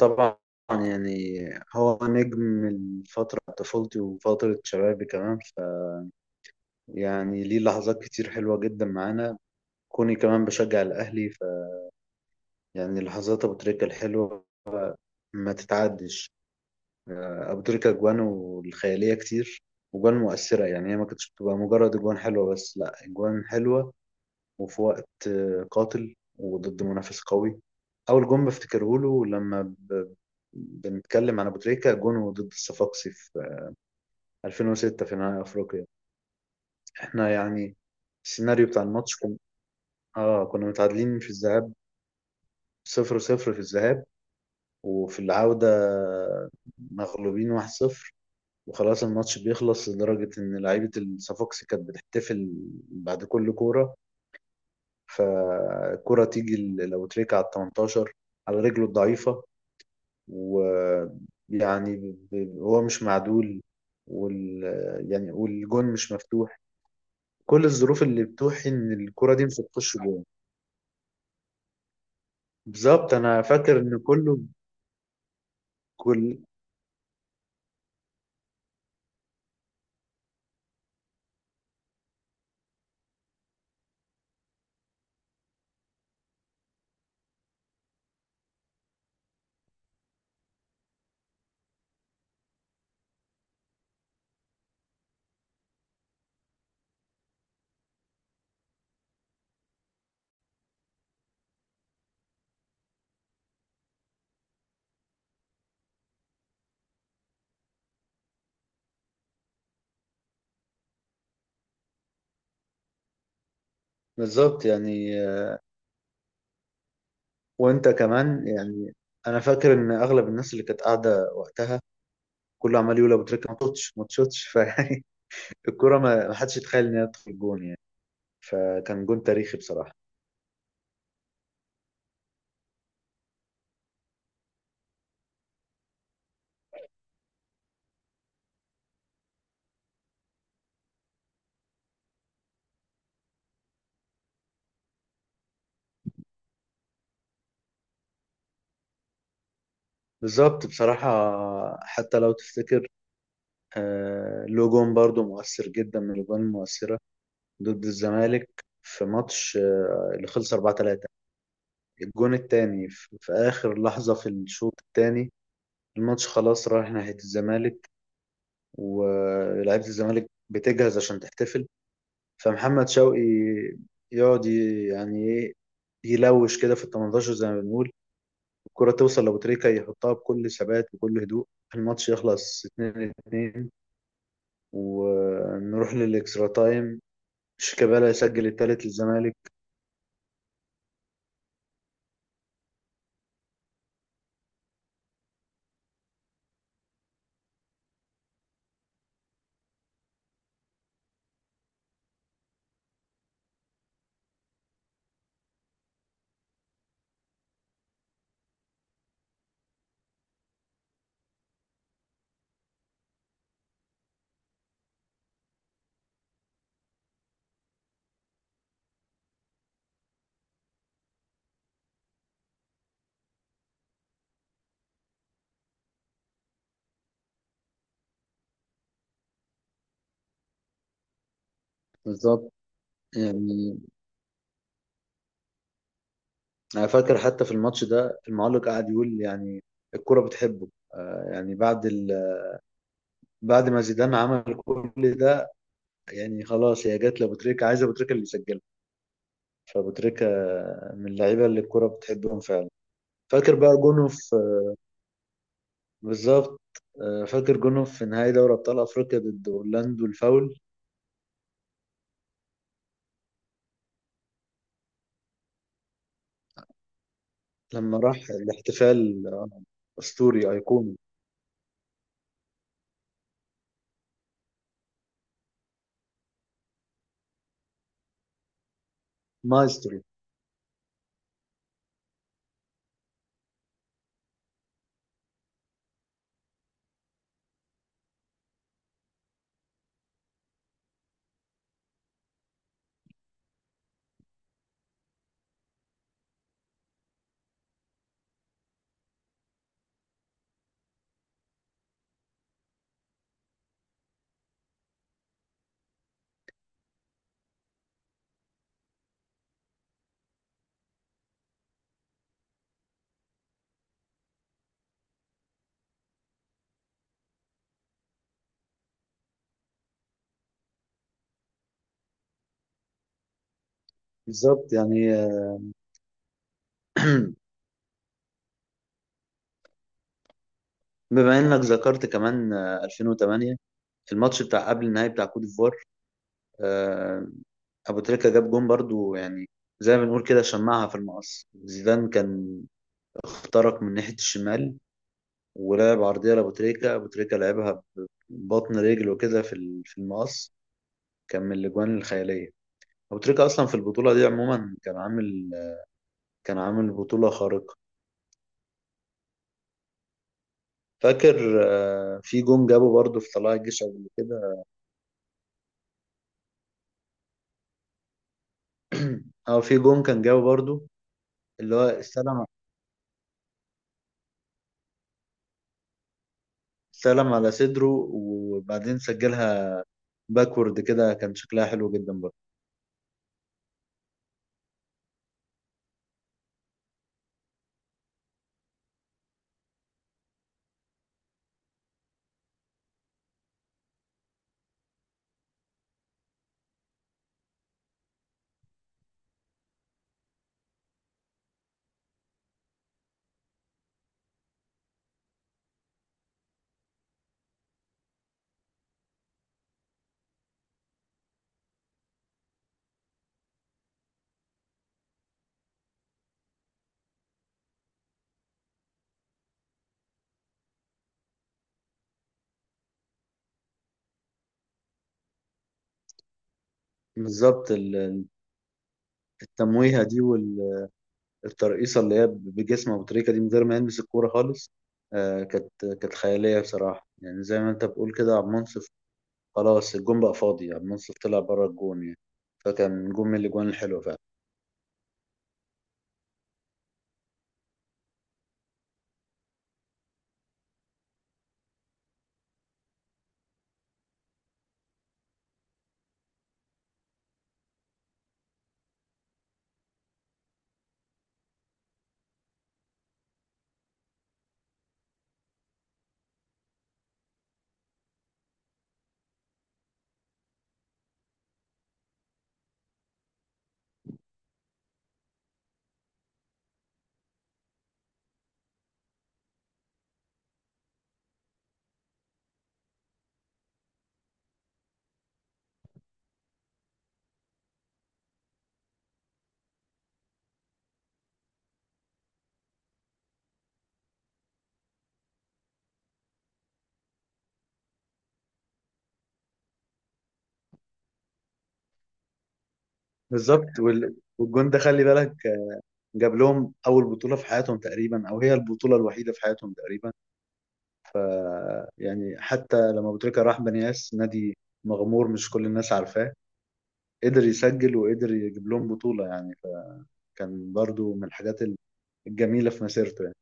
طبعا، يعني هو نجم من فترة طفولتي وفترة شبابي كمان. فيعني ليه لحظات كتير حلوة جدا معانا، كوني كمان بشجع الأهلي. فيعني لحظات أبو تريكة الحلوة ما تتعدش. أبو تريكة أجوانه الخيالية كتير، وأجوان مؤثرة. يعني هي ما كانتش بتبقى مجرد أجوان حلوة بس، لأ، أجوان حلوة وفي وقت قاتل وضد منافس قوي. أول جون بفتكره له لما بنتكلم عن أبو تريكة جونه ضد الصفاقسي في 2006 في نهائي افريقيا. احنا يعني السيناريو بتاع الماتش كنا متعادلين في الذهاب، 0-0 في الذهاب، وفي العودة مغلوبين 1-0. وخلاص الماتش بيخلص لدرجة إن لعيبة الصفاقسي كانت بتحتفل بعد كل كورة. فالكرة تيجي لو تريكة على التمنتاشر، على رجله الضعيفة. ويعني هو مش معدول، وال يعني والجون مش مفتوح، كل الظروف اللي بتوحي ان الكرة دي مش هتخش جوه. بالظبط، انا فاكر ان كله كل بالظبط. يعني وانت كمان يعني انا فاكر ان اغلب الناس اللي كانت قاعده وقتها كله عمال يقول ابو تريكه ما تشوتش ما تشوتش فيعني الكرة ما حدش يتخيل انها تدخل جون يعني. فكان جون تاريخي بصراحه. بالظبط بصراحه، حتى لو تفتكر له جون برضه مؤثر جدا من الجوان المؤثره، ضد الزمالك في ماتش اللي خلص 4-3، الجون التاني في آخر لحظة في الشوط التاني. الماتش خلاص رايح ناحية الزمالك، ولاعيبة الزمالك بتجهز عشان تحتفل، فمحمد شوقي يقعد يعني ايه، يلوش كده في ال 18 زي ما بنقول. الكرة توصل لأبو تريكة، يحطها بكل ثبات وكل هدوء، الماتش يخلص 2-2، ونروح للإكسترا تايم. شيكابالا يسجل التالت للزمالك. بالظبط يعني، انا فاكر حتى في الماتش ده المعلق قعد يقول يعني الكرة بتحبه. يعني بعد ما زيدان عمل كل ده، يعني خلاص هي جت لابو تريكة، عايز ابو تريكة اللي يسجلها. فابو تريكة من اللعيبة اللي الكرة بتحبهم فعلا. فاكر بقى جونه في بالظبط، فاكر جونه في نهائي دوري ابطال افريقيا ضد اورلاندو الفاول لما راح الاحتفال. اسطوري ايقوني، مايسترو. بالظبط يعني. بما انك ذكرت كمان 2008، في الماتش بتاع قبل النهائي بتاع كوت ديفوار، آه، ابو تريكة جاب جون برضو. يعني زي ما بنقول كده، شمعها في المقص. زيدان كان اخترق من ناحية الشمال ولعب عرضية لابو تريكة، ابو تريكة لعبها ببطن رجله كده في في المقص. كان من الاجوان الخيالية. ابو تريكة اصلا في البطولة دي عموما كان عامل بطولة خارقة. فاكر في جون جابه برضو في طلائع الجيش قبل كده. اه، في جون كان جابه برضو، اللي هو استلم، سلم على صدره وبعدين سجلها باكورد كده، كان شكلها حلو جدا برضه. بالظبط، التمويهة دي والترقيصة اللي هي بجسمه بالطريقة دي من غير ما يلمس الكورة خالص، آه، كانت كانت خيالية بصراحة. يعني زي ما انت بتقول كده، عبد المنصف خلاص الجون بقى فاضي، عبد المنصف طلع بره الجون يعني. فكان جون من الاجوان الحلوة فعلا. بالظبط، والجون ده خلي بالك جاب لهم اول بطولة في حياتهم تقريبا، او هي البطولة الوحيدة في حياتهم تقريبا. يعني حتى لما أبو تريكة راح بنياس، نادي مغمور مش كل الناس عارفاه، قدر يسجل وقدر يجيب لهم بطولة يعني. فكان برضو من الحاجات الجميلة في مسيرته يعني.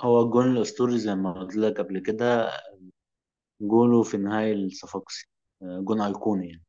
هو الجون الأسطوري زي ما قلت لك قبل كده، جوله في نهاية الصفاقسي، جون أيقوني يعني.